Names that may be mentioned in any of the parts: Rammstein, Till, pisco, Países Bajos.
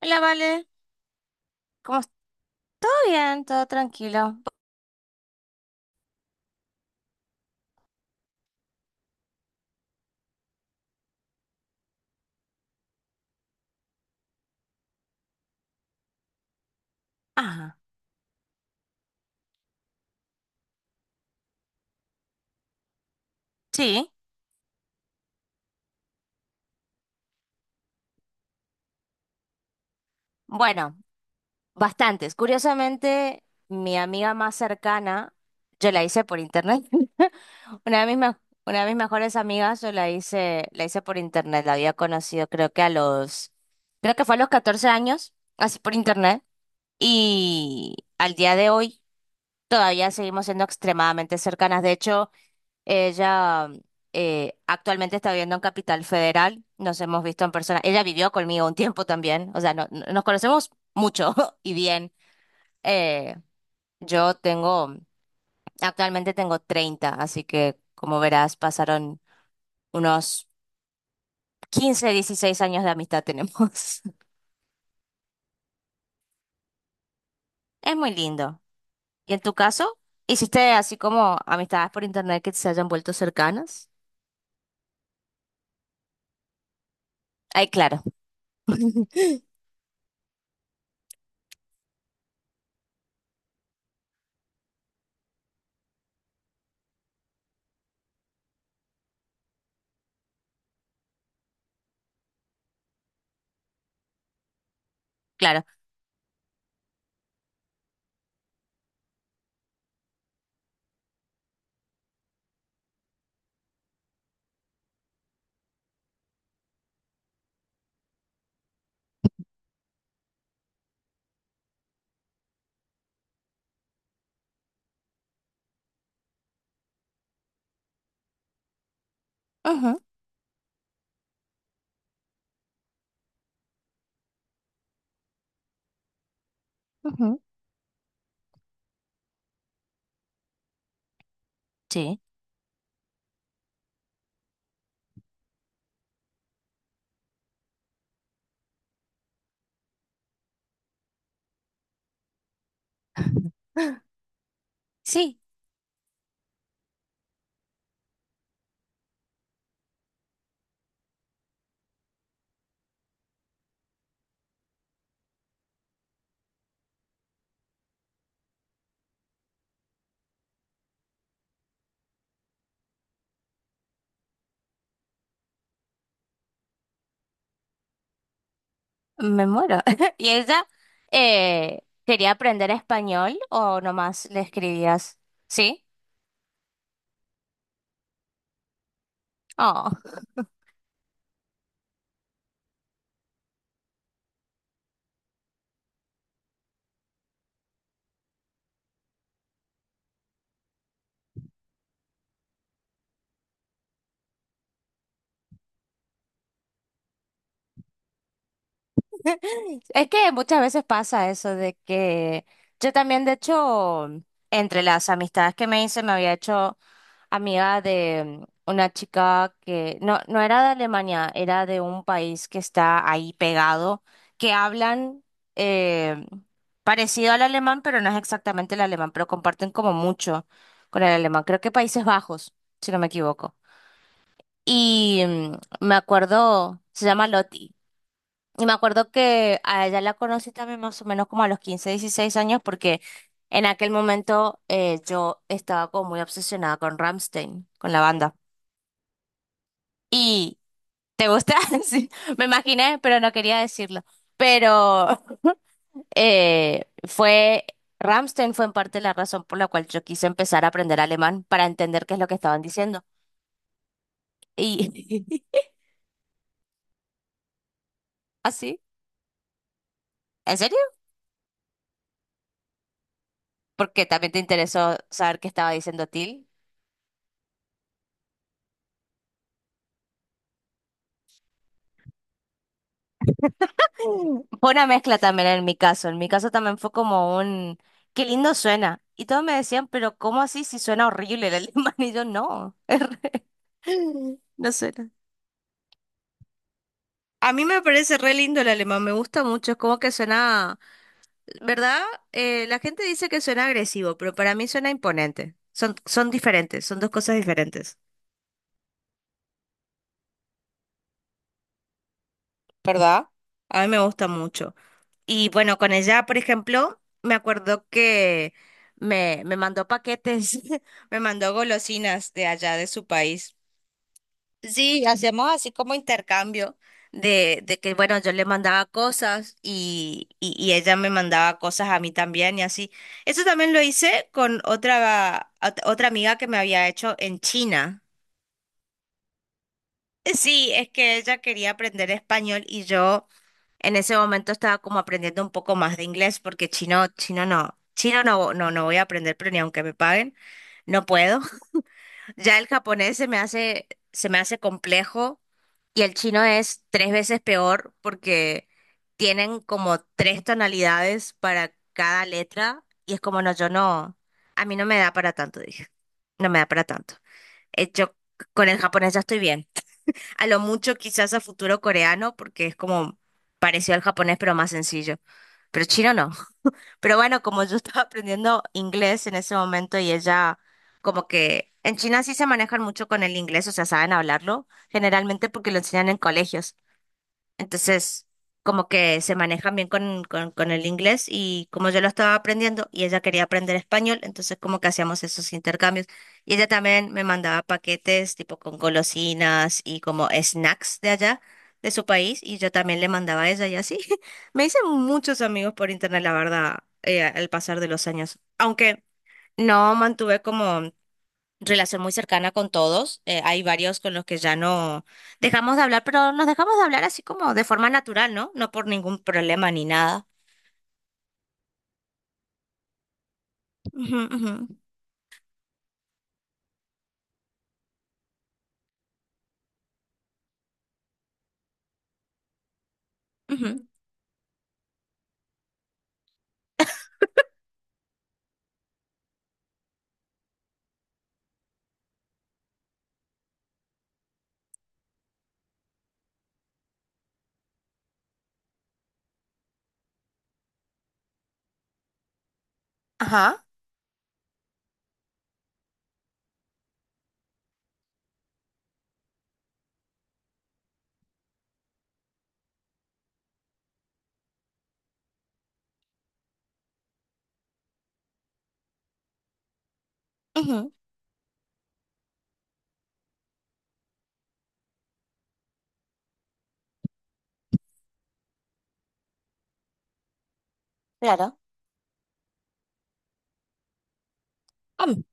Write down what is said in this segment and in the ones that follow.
Hola, Vale. ¿Cómo estás? ¿Todo bien? ¿Todo tranquilo? Ajá. Sí. Bueno, bastantes. Curiosamente, mi amiga más cercana, yo la hice por internet. Una de mis, me- una de mis mejores amigas, yo la hice por internet. La había conocido creo que fue a los 14 años, así por internet. Y al día de hoy todavía seguimos siendo extremadamente cercanas. De hecho, ella actualmente está viviendo en Capital Federal, nos hemos visto en persona. Ella vivió conmigo un tiempo también, o sea, nos conocemos mucho y bien. Eh, yo tengo, actualmente tengo 30, así que como verás, pasaron unos 15 16 años de amistad tenemos. Es muy lindo. ¿Y en tu caso? ¿Hiciste así como amistades por internet que se hayan vuelto cercanas? Ay, claro, claro. Ujú, ujú. Sí. Sí. Me muero. ¿Y ella quería aprender español o nomás le escribías? ¿Sí? Oh. Es que muchas veces pasa eso de que yo también, de hecho, entre las amistades que me hice, me había hecho amiga de una chica que no era de Alemania, era de un país que está ahí pegado, que hablan eh, parecido al alemán, pero no es exactamente el alemán, pero comparten como mucho con el alemán. Creo que Países Bajos, si no me equivoco. Y me acuerdo, se llama Loti. Y me acuerdo que a ella la conocí también más o menos como a los 15 16 años, porque en aquel momento yo estaba como muy obsesionada con Rammstein, con la banda. Y, ¿te gusta? Sí, me imaginé, pero no quería decirlo. Pero eh, fue, Rammstein fue en parte la razón por la cual yo quise empezar a aprender alemán para entender qué es lo que estaban diciendo. Y así, ¿en serio? Porque también te interesó saber qué estaba diciendo Till. Fue una mezcla también en mi caso. En mi caso también fue como un, qué lindo suena. Y todos me decían, pero ¿cómo así si suena horrible el alemán? Y yo, no, no suena. A mí me parece re lindo el alemán, me gusta mucho, es como que suena, ¿verdad? La gente dice que suena agresivo, pero para mí suena imponente. Son, son diferentes, son dos cosas diferentes. ¿Verdad? A mí me gusta mucho. Y bueno, con ella, por ejemplo, me acuerdo que me mandó paquetes, me mandó golosinas de allá de su país. Sí, hacíamos así como intercambio de que, bueno, yo le mandaba cosas y ella me mandaba cosas a mí también y así. Eso también lo hice con otra amiga que me había hecho en China. Sí, es que ella quería aprender español y yo... En ese momento estaba como aprendiendo un poco más de inglés porque chino no, voy a aprender, pero ni aunque me paguen, no puedo. Ya el japonés se me hace complejo y el chino es tres veces peor porque tienen como tres tonalidades para cada letra y es como no, yo no, a mí no me da para tanto, dije, no me da para tanto. Yo con el japonés ya estoy bien. A lo mucho quizás a futuro coreano, porque es como parecido al japonés, pero más sencillo. Pero chino no. Pero bueno, como yo estaba aprendiendo inglés en ese momento y ella, como que en China sí se manejan mucho con el inglés, o sea, saben hablarlo, generalmente porque lo enseñan en colegios. Entonces, como que se manejan bien con, con el inglés y como yo lo estaba aprendiendo y ella quería aprender español, entonces como que hacíamos esos intercambios. Y ella también me mandaba paquetes tipo con golosinas y como snacks de allá, de su país, y yo también le mandaba a ella y así. Me hice muchos amigos por internet, la verdad, al pasar de los años. Aunque no mantuve como relación muy cercana con todos. Hay varios con los que ya no dejamos de hablar, pero nos dejamos de hablar así como de forma natural, ¿no? No por ningún problema ni nada. Ujú, ujú, ujú. Ajá. Ujú, claro. Am,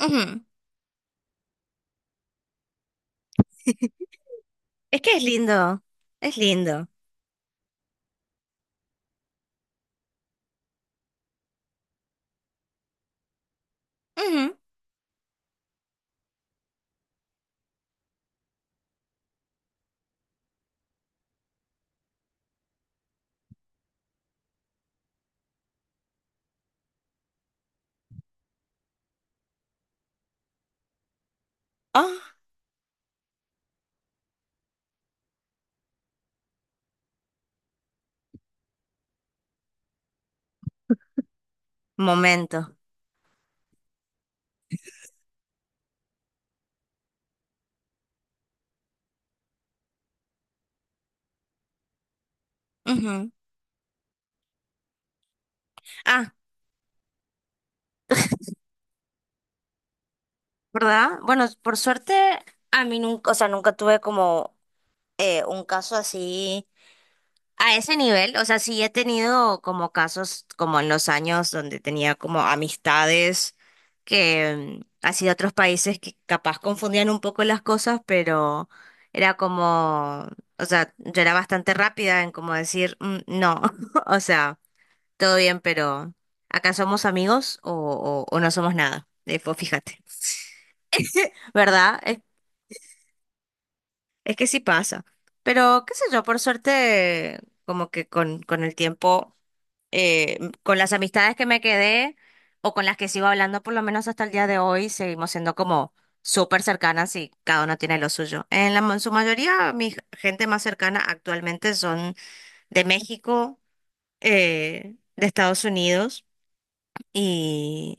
ujú. Es que es lindo. Es lindo. Ujú. Oh, momento. Ujú. Ah, ¿verdad? Bueno, por suerte, a mí nunca, o sea, nunca tuve como un caso así a ese nivel, o sea, sí he tenido como casos como en los años donde tenía como amistades que así de otros países que capaz confundían un poco las cosas, pero era como, o sea, yo era bastante rápida en como decir, "Mm, no, o sea, todo bien, pero acá somos amigos o no somos nada". Pues fíjate, ¿verdad? Es que sí pasa. Pero qué sé yo, por suerte, como que con el tiempo... con las amistades que me quedé o con las que sigo hablando, por lo menos hasta el día de hoy, seguimos siendo como súper cercanas y cada uno tiene lo suyo. En la, en su mayoría, mi gente más cercana actualmente son de México, de Estados Unidos y,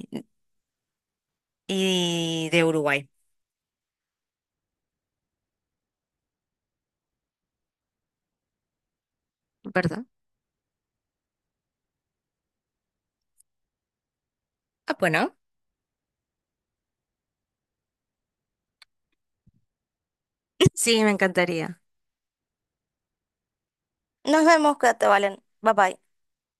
y de Uruguay, ¿verdad? Ah, bueno. Sí, me encantaría. Nos vemos, que te Valen. Bye bye.